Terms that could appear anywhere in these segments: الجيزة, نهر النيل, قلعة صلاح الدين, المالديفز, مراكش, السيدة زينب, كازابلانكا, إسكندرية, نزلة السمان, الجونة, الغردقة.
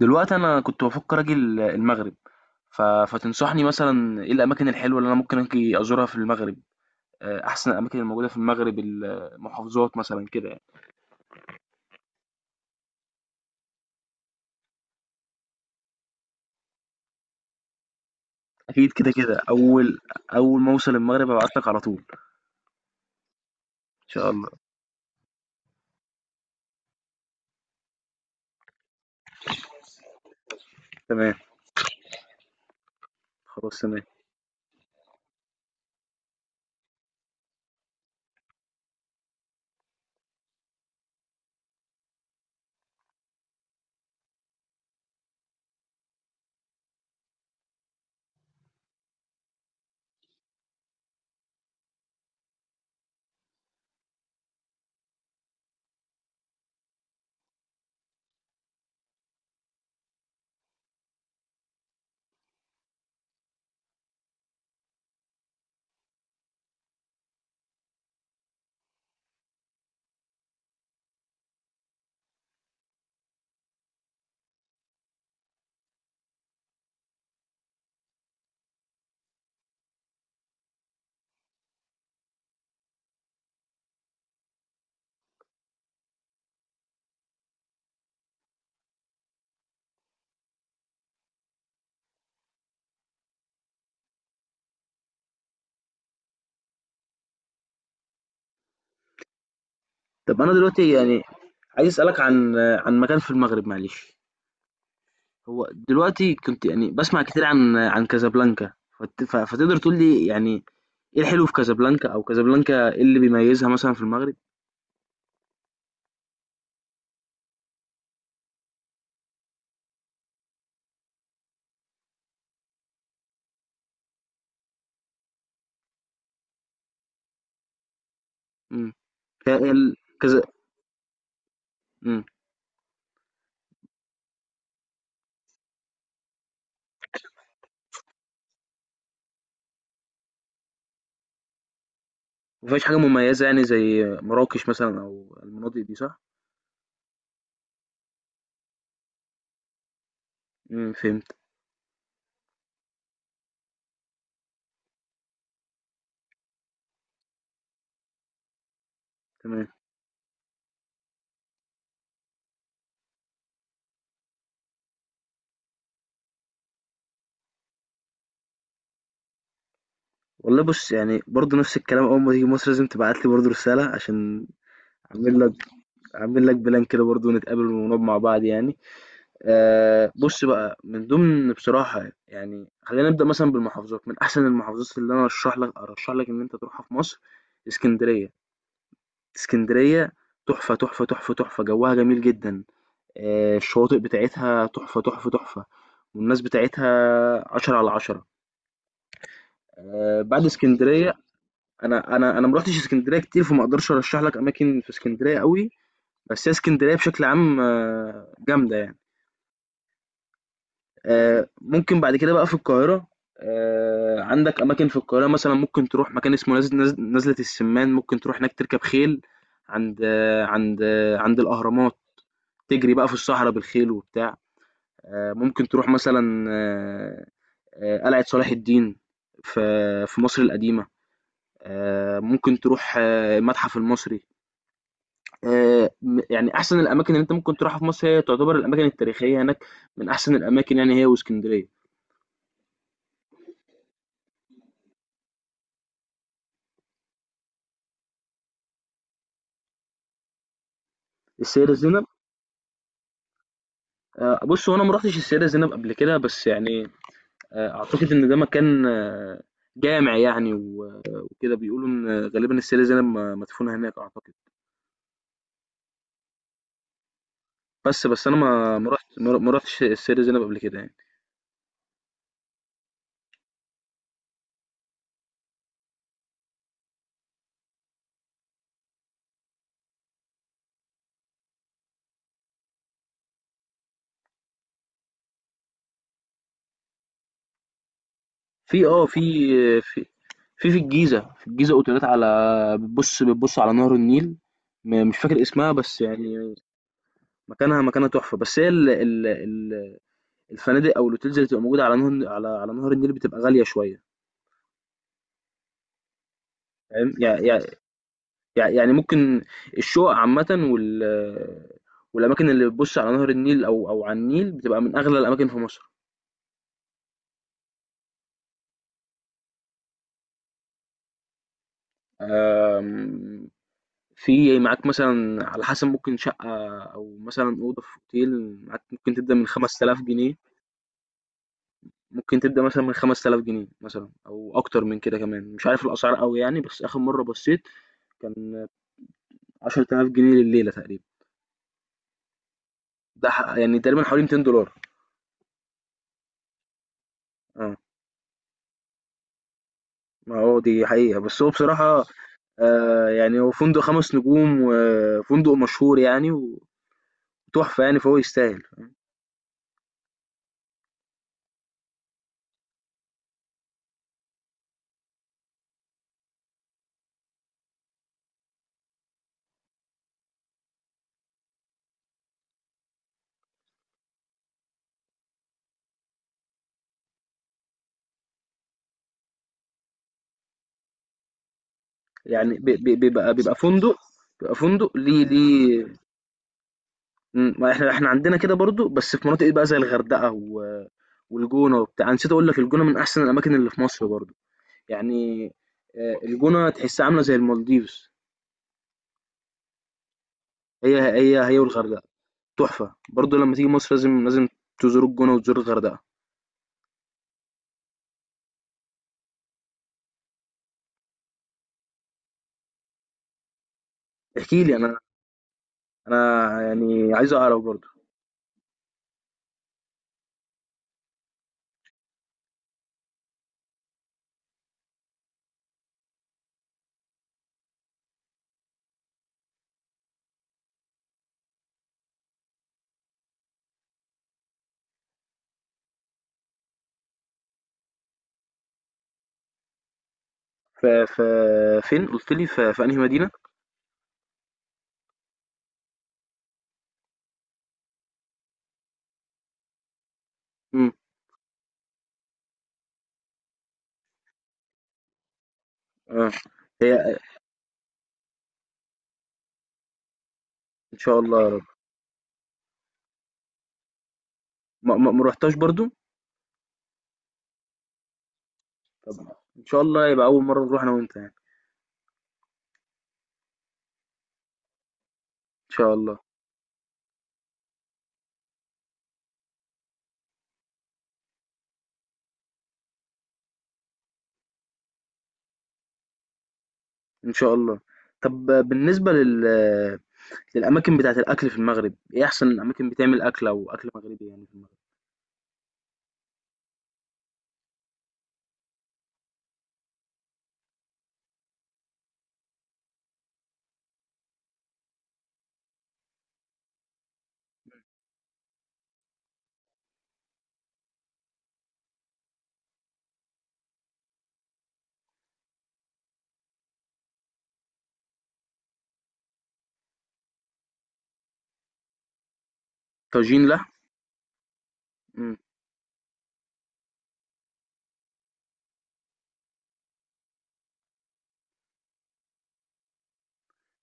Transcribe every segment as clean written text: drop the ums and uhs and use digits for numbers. دلوقتي أنا كنت بافكر أجي المغرب. ف فتنصحني مثلًا إيه الأماكن الحلوة اللي أنا ممكن آجي أزورها في المغرب، أحسن الأماكن الموجودة في المغرب، المحافظات مثلًا كده يعني. أكيد كده، كده أول أول ما أوصل المغرب هابعت لك على طول إن شاء الله. تمام، خلاص تمام. طب أنا دلوقتي يعني عايز أسألك عن مكان في المغرب معلش. هو دلوقتي كنت يعني باسمع كتير عن كازابلانكا. فت ف فتقدر تقول لي يعني إيه الحلو في كازابلانكا، أو كازابلانكا إيه اللي بيميزها مثلًا في المغرب؟ إمم. ك ال كذا. إمم. ما فيهاش حاجة مميزة يعني زي مراكش مثلًا أو المناطق دي صح؟ إمم، فهمتك. تمام. والله بُص، يعني برضه نفس الكلام أول ما تيجي مصر لازم تبعت لي برضه رسالة عشان أعمل لك أعمل لك plan كده برضه ونتقابل ونقعد مع بعض يعني. بُص بقى، من ضمن بصراحة يعني خلّينا نبدأ مثلًا بالمحافظات، من أحسن المحافظات اللي أنا أرشّح لك أرشّح لك إن أنت تروحها في مصر إسكندرية. إسكندرية تحفة، تحفة، تحفة، تحفة، جوّها جميل جدًا. آه، الشواطئ بتاعتها تحفة تحفة تحفة، والناس بتاعتها عشرة على عشرة. آه، بعد اسكندرية، أنا أنا مروحتش اسكندرية كتير فما أقدرش أرشح لك أماكن في اسكندرية قوي، بس هي اسكندرية بشكل عام آه، جامدة يعني. آه، ممكن بعد كده بقى في القاهرة. آه، عندك أماكن في القاهرة مثلا ممكن تروح مكان اسمه نزلة السمان، ممكن تروح هناك تركب خيل عند عند الأهرامات، تجري بقى في الصحراء بالخيل وبتاع. آه، ممكن تروح مثلا قلعة صلاح الدين في في مصر القديمة. آه، ممكن تروح آه، المتحف المصري. يعني أحسن الأماكن اللي أنت ممكن تروحها في مصر هي تعتبر الأماكن التاريخية هناك، من أحسن الأماكن يعني هي واسكندرية. السيدة زينب. آه، بص، هو أنا ما رحتش السيدة زينب قبل كده، بس يعني آه، أعتقد إن ده مكان آه، جامع يعني وكده بيقولوا إن غالبا السيدة زينب مدفونة هناك أعتقد. بس أنا ما رحتش السيدة زينب قبل كده يعني. في آه في في في في الجيزة، في الجيزة أوتيلات على، بتبُص على نهر النيل. مش فاكر اسمها بس يعني مكانها تحفة، بس هي ال ال ال الفنادق أو الhotels اللي بتبقى موجودة على على نهر النيل بتبقى غالية شوية. فاهم؟ يع يع يع يعني ممكن الشقق عامةً وال والأماكن اللي بتبُص على نهر النيل، أو على النيل، بتبقى من أغلى الأماكن في مصر. آمم في معاك مثلًا على حسب، ممكن شقة أو مثلًا أوضة في أوتيل معاك ممكن تبدأ من 5000 جنيه. ممكن تبدأ مثلًا من 5000 جنيه مثلًا أو أكتر من كده كمان، مش عارف الأسعار أوي يعني، بس آخر مرّة بصّيت كان 10000 جنيه لليلة تقريبا. ده ح يعني تقريبًا حوالي $200. آه، ما هو دي حقيقة، بس هو بصراحة يعني هو فندق 5 نجوم وفندق مشهور يعني وتحفة يعني، فهو يستاهل. يعني ب ب بيبقى بيبقى فندق، بيبقى فندق ليه. ما إحنا إحنا عندنا كده برضه، بس في مناطق بقى زي الغردقة و... والجونة وبتاع، أنا نسيت أقول لك الجونة من أحسن الأماكن اللي في مصر برضه يعني. آه، الجونة تحسها عاملة زي المالديفز. هي والغردقة تحفة برضه، لما تيجي مصر لازم تزور الجونة وتزور الغردقة. احكي لي. أنا يعني عايز أعرف برضه. ف... ف... فين قلت لي في أنهي مدينة؟ امم. اه. هي إن شاء الله يا رب. ما رحتهاش برضه؟ طب إن شاء الله يبقى أول مرة نروح أنا وأنت يعني. إن شاء الله. إن شاء الله. طب بالنسبة للأماكن بتاعة الأكل في المغرب، إيه أحسن أماكن بتعمل أكل أو أكل مغربي يعني في المغرب؟ طاجين، لحم؟ إمم.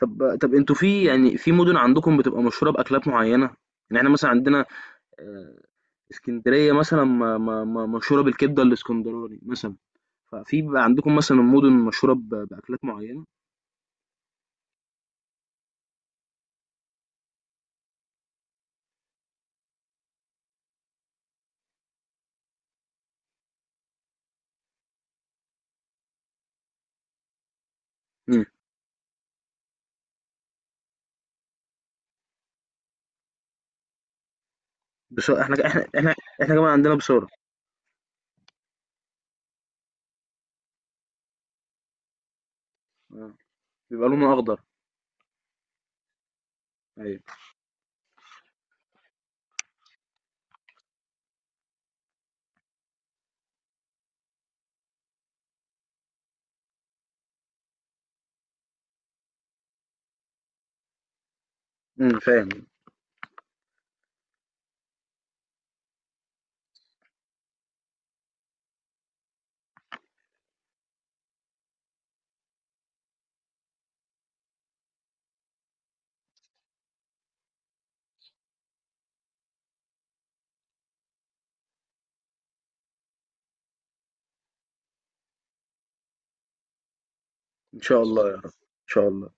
طب أنتم في يعني في مدن عندكم بتبقى مشهورة بأكلات معينة؟ يعني إحنا مثلًا عندنا آآ إسكندرية مثلًا م م م مشهورة بالكبدة الإسكندراني مثلًا، ففي بيبقى عندكم مثلًا مدن مشهورة بأكلات معينة؟ إمم. بس إحنا إحنا كمان عندنا بصارة. آه، بيبقى لونها أخضر. أيوه. إمم، فاهم. إن شاء الله يا رب، إن شاء الله.